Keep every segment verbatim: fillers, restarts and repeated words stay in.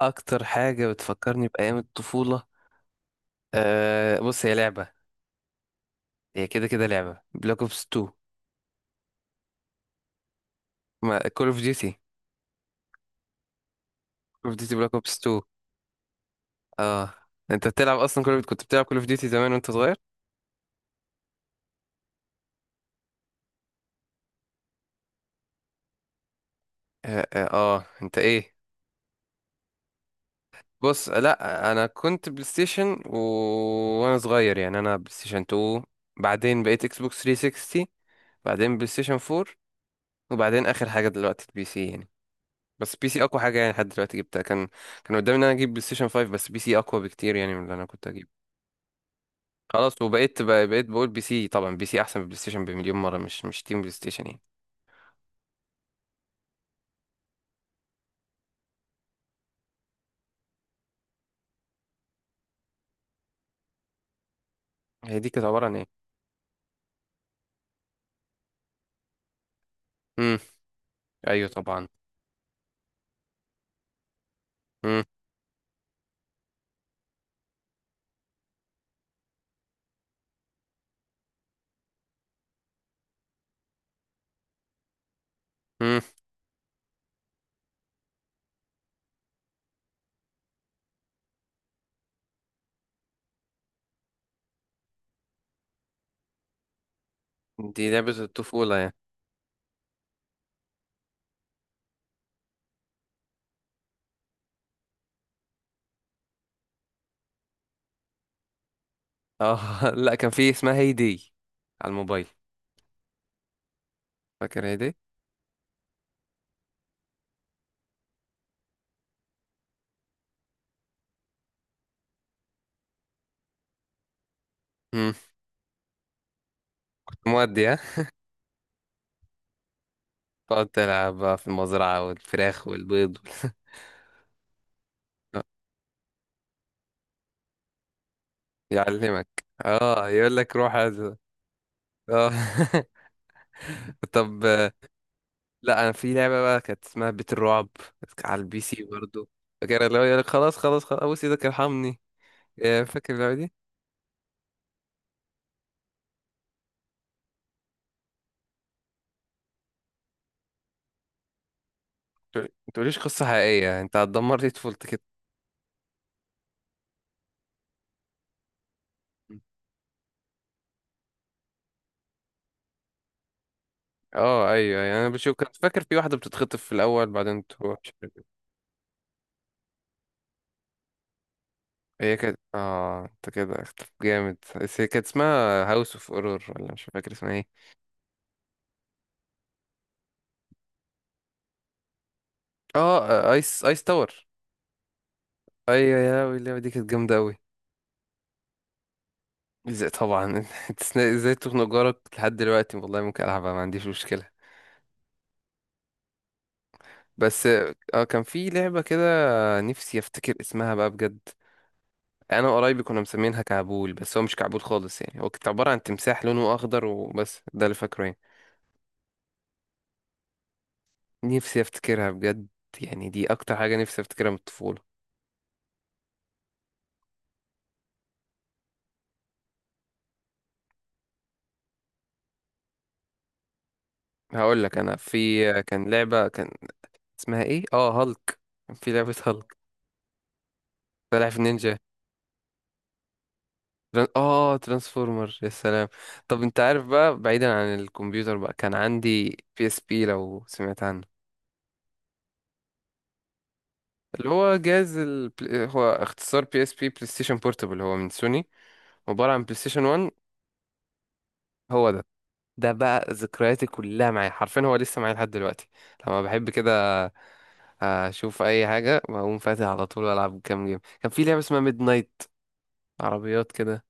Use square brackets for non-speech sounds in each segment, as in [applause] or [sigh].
اكتر حاجه بتفكرني بايام الطفوله. أه بص هي لعبه. هي كده كده لعبه بلاك اوبس اتنين. ما كول اوف ديوتي. كول اوف ديوتي بلاك اوبس اتنين. اه انت بتلعب اصلا كول كنت بتلعب كول اوف ديوتي زمان وانت صغير؟ اه, آه, اه انت ايه؟ بص لا انا كنت بلاي ستيشن و... وانا صغير يعني انا بلاي ستيشن اتنين. بعدين بقيت اكس بوكس ثري سيكستي. بعدين بلاي ستيشن فور. وبعدين اخر حاجه دلوقتي البي سي يعني. بس بي سي اقوى حاجه يعني لحد دلوقتي جبتها. كان كان قدامي ان انا اجيب بلاي ستيشن فايف، بس بي سي اقوى بكتير يعني من اللي انا كنت اجيبه. خلاص، وبقيت بقى بقيت بقول بي سي. طبعا بي سي احسن من بلاي ستيشن بمليون مره. مش مش تيم بلاي ستيشن يعني. هي دي كانت عباره عن ايه؟ امم. ايوه طبعا. امم. امم. دي لعبه الطفوله يعني. اه [laughs] لا كان في اسمها هي دي، على الموبايل. فاكر هي دي. امم. مودي ها. تقعد تلعب بقى في المزرعه والفراخ والبيض وال- [laughs] يعلمك. اه يقول لك روح هذا. اه [laughs] طب لا انا في لعبه بقى كانت اسمها بيت الرعب، كانت على البي سي برضو. فاكر اللي هو يقولك خلاص خلاص خلاص ابوس ايدك ارحمني؟ آه، فاكر اللعبه دي. ما تقوليش قصه حقيقيه، انت هتدمر لي طفولتي كده. اه ايوه يعني انا بشوف كنت فاكر في واحده بتتخطف في الاول بعدين تروح مش عارف إيه. هي كانت اه انت كده اختلف جامد، بس هي كانت اسمها هاوس اوف اورور ولا مش فاكر اسمها ايه. اه ايس ايس تاور. ايوه يا لهوي اللعبه دي كانت جامده قوي. ازاي طبعا [laughs] إنت ازاي تخنق جارك؟ لحد دلوقتي والله ممكن العبها، ما عنديش مشكله. بس اه كان في لعبة كده، نفسي افتكر اسمها بقى بجد. انا وقرايبي كنا مسمينها كعبول، بس هو مش كعبول خالص يعني، هو كانت عبارة عن تمساح لونه اخضر وبس، ده اللي فاكره يعني. نفسي افتكرها بجد. يعني دي اكتر حاجة نفسي افتكرها من الطفولة. هقول لك انا في كان لعبة كان اسمها ايه، اه هالك. كان في لعبة [laughs] هالك. سلاحف النينجا. تران- اه ترانسفورمر يا سلام. طب انت عارف بقى، بعيدا عن الكمبيوتر بقى كان عندي بي اس بي لو سمعت عنه. اللي هو جهاز ال... بل- هو اختصار بي اس بي بلاي ستيشن بورتبل، هو من سوني، عبارة عن بلاي ستيشن وان. هو ده. ده بقى ذكرياتي كلها معايا حرفيا، هو لسه معايا لحد دلوقتي. لما بحب كده اشوف اي حاجة بقوم فاتح على طول والعب كام جيم. كان في لعبة اسمها ميد نايت، عربيات كده.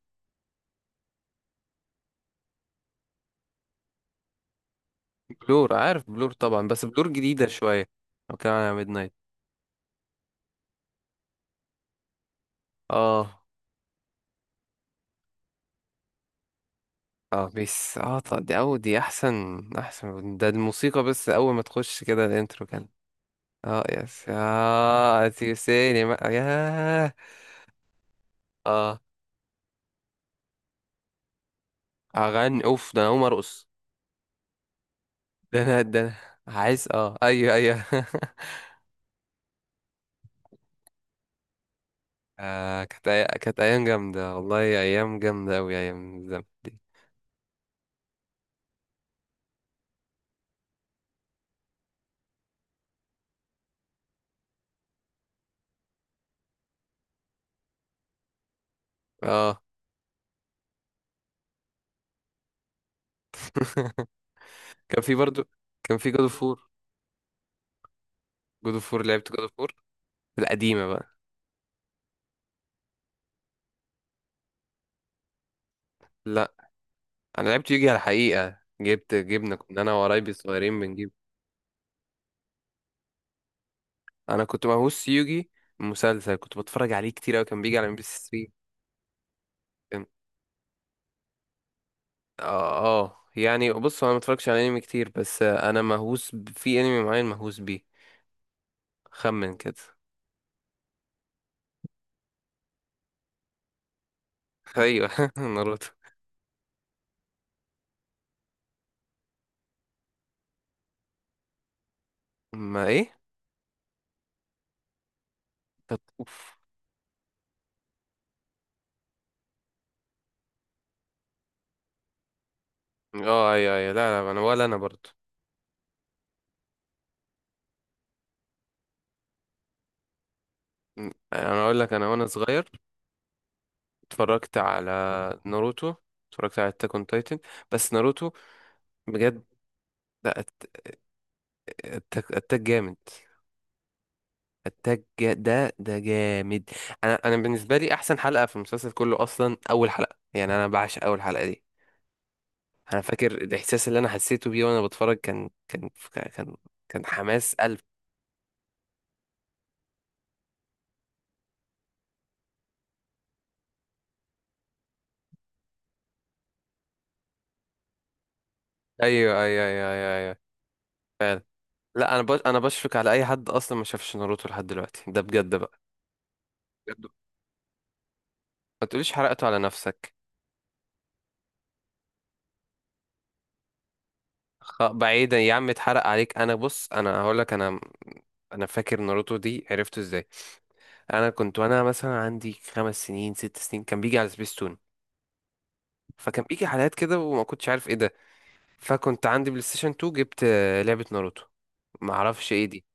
بلور عارف بلور طبعا، بس بلور جديدة شوية. لو كان على ميد نايت اه. اه بس اه طب دي او دي احسن. احسن ده الموسيقى بس، اول ما تخش كده الانترو كان اه يس اه تيسيني بقى ياه. اه اغني اوف ده انا اقوم ارقص. ده انا ده، انا عايز، اه ايوه ايوه [laughs] آه كانت أي... كانت ايام جامده والله، ايام جامده اوي ايام الزمن دي. اه [laughs] كان في برضو، كان في جود اوف فور. جود اوف فور لعبت جود اوف فور القديمه بقى. لا انا لعبت يوجي على الحقيقه، جبت جبنا، كنا انا وقرايبي الصغيرين بنجيب. انا كنت مهووس يوجي. مسلسل كنت بتفرج عليه كتير اوي، كان بيجي على ام بي سي ثري. اه. آه. يعني بص هو انا متفرجش على انمي كتير، بس آه، انا مهووس ب... في انمي معين مهووس بيه. خمن كده. ايوه [laughs] ناروتو. ما ايه. طب اوف. اه ايوه ايوه. لا لا انا، ولا انا برضو. م- انا اقول لك انا وانا صغير اتفرجت على ناروتو، اتفرجت على اتاك اون تايتن، بس ناروتو بجد. لا أت- اتاك اتاك جامد. اتاك جا- ده ده جامد. انا انا بالنسبه لي احسن حلقه في المسلسل كله اصلا اول حلقه، يعني انا بعشق اول حلقه دي. انا فاكر الاحساس اللي انا حسيته بيه وانا بتفرج، كان كان كان كان حماس قلب. ايوه ايوه ايوه ايوه ايوه، فعلا. لا انا بش... انا بشفق على اي حد اصلا ما شافش ناروتو لحد دلوقتي ده بجد بقى. بجد. ما تقوليش حرقته على نفسك. خ... بعيدا يا عم، اتحرق عليك. انا بص انا هقول لك انا انا فاكر ناروتو دي عرفته ازاي. انا كنت وانا مثلا عندي خمس سنين ست سنين كان بيجي على سبيستون. فكان بيجي حلقات كده وما كنتش عارف ايه ده. فكنت عندي بلاي ستيشن اتنين، جبت آه، لعبة ناروتو، ما اعرفش ايه دي.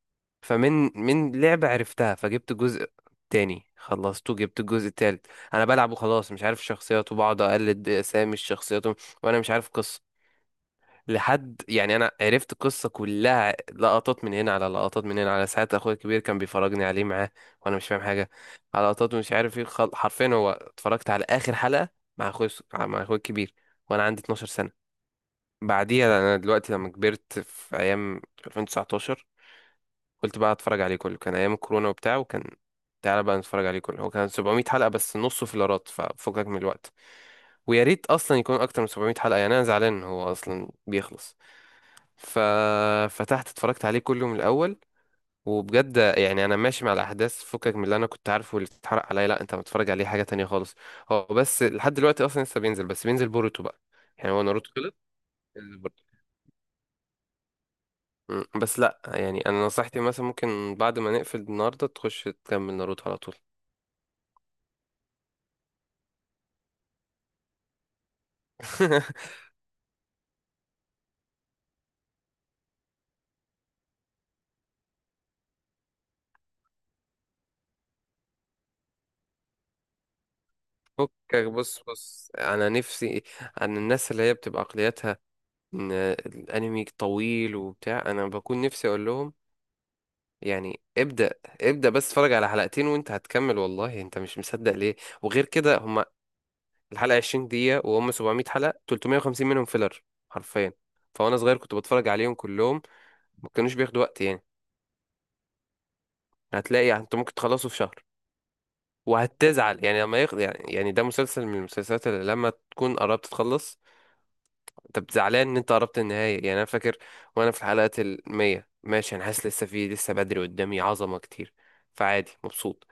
فمن من لعبة عرفتها، فجبت جزء تاني خلصته جبت الجزء التالت. انا بلعب وخلاص مش عارف الشخصيات، وبقعد اقلد اسامي الشخصيات و- وانا مش عارف قصة. لحد يعني انا عرفت القصة كلها لقطات من هنا، على لقطات من هنا، على ساعات اخويا الكبير كان بيفرجني عليه معاه وانا مش فاهم حاجة. على لقطات ومش عارف ايه خل... حرفيا هو اتفرجت على اخر حلقة مع اخويا الص- مع اخويا الكبير وانا عندي اتناشر سنة. بعديها انا دلوقتي لما كبرت في ايام الفين وتسعتاشر قلت بقى اتفرج عليه كله، كان ايام الكورونا وبتاع. وكان تعالى بقى نتفرج عليه كله، هو كان سبعميه حلقة بس نصه فيلرات، ففكك من الوقت. ويا ريت اصلا يكون اكتر من سبعميه حلقة، يعني انا زعلان إن هو اصلا بيخلص. ففتحت اتفرجت عليه كله من الاول. وبجد يعني انا ماشي مع الاحداث فكك من اللي انا كنت عارفه، واللي اتحرق عليا لا، انت متفرج عليه حاجة تانية خالص. هو بس لحد دلوقتي اصلا لسه بينزل، بس بينزل بوروتو بقى. يعني هو ناروتو خلص، بينزل بوروتو. مم. بس لا يعني انا نصيحتي مثلا ممكن بعد ما نقفل النهارده تخش تكمل ناروتو على طول. [laughs] فكك بص بص انا نفسي عن الناس اللي هي بتبقى عقليتها ان الانمي طويل وبتاع، انا بكون نفسي اقول لهم يعني ابدأ ابدأ بس اتفرج على حلقتين وانت هتكمل والله، انت مش مصدق ليه. وغير كده هما الحلقة عشرين دقيقة، وهم سبعميه حلقة تلتميه وخمسين منهم فيلر حرفيا. فوانا صغير كنت بتفرج عليهم كلهم، ما كانوش بياخدوا وقت يعني. هتلاقي يعني انت ممكن تخلصه في شهر. وهتزعل يعني لما يخ... يعني يعني ده مسلسل من المسلسلات اللي لما تكون قربت تخلص طب زعلان ان انت قربت النهاية. يعني انا فاكر وانا في الحلقات المية ماشي انا حاسس لسه، في لسه بدري قدامي عظمة كتير، فعادي مبسوط.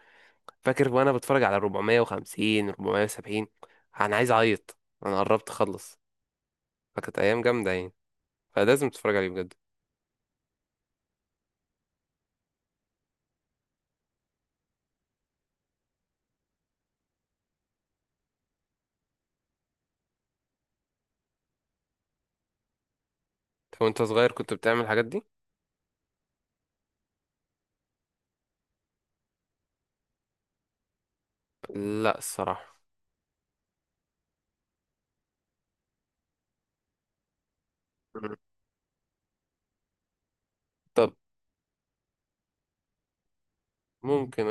فاكر وانا بتفرج على اربعميه وخمسين اربعميه وسبعين انا عايز اعيط، انا قربت اخلص. فكانت ايام جامدة يعني، فلازم تتفرج عليه بجد. طب وانت صغير كنت بتعمل الحاجات دي؟ لا الصراحة. مم. طب ممكن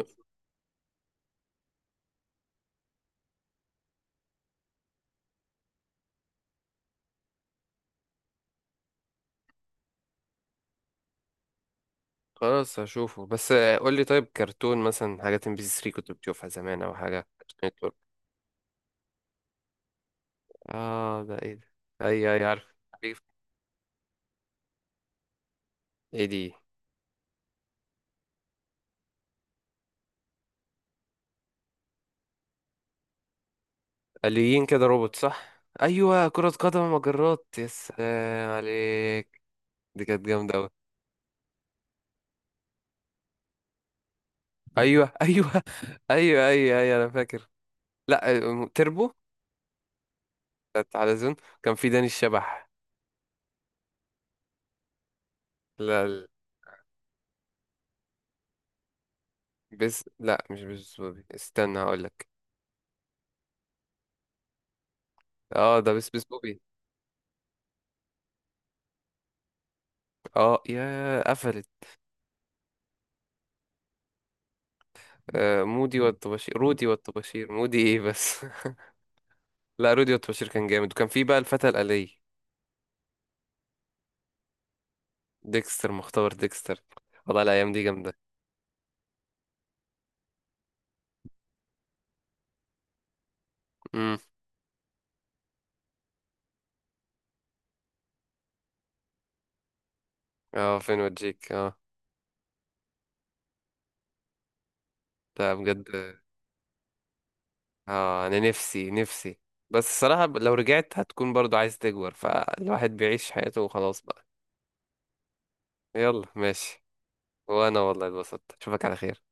خلاص هشوفه بس. قول لي طيب، كرتون مثلا حاجات ام بي سي ثري كنت بتشوفها زمان، او حاجة كارتون نتورك. اه ده ايه ده؟ اي اي عارف. ايه دي؟ آليين كده روبوت، صح؟ ايوه كرة قدم مجرات، يا سلام عليك. دي كانت جامدة اوي. ايوه ايوه [laughs] ايوه ايوه ايوه انا فاكر. لا آه، تربو. كانت على زون. كان في داني الشبح. لا ال- بس لا مش بس بوبي، استنى هقول لك. اه ده بس بس بوبي. اه يا قفلت. آه مودي والطباشير رودي والطباشير، مودي ايه بس. [laughs] لا رودي والطباشير كان جامد. وكان في بقى الفتى الآلية. ديكستر مختبر ديكستر. والله الأيام دي جامدة. اه فين وديك اه. لا بجد اه، انا نفسي نفسي. بس الصراحة ب- لو رجعت هتكون برضو عايز تكبر، فالواحد بيعيش حياته وخلاص بقى. يلا ماشي. وانا والله اتبسطت، اشوفك على خير.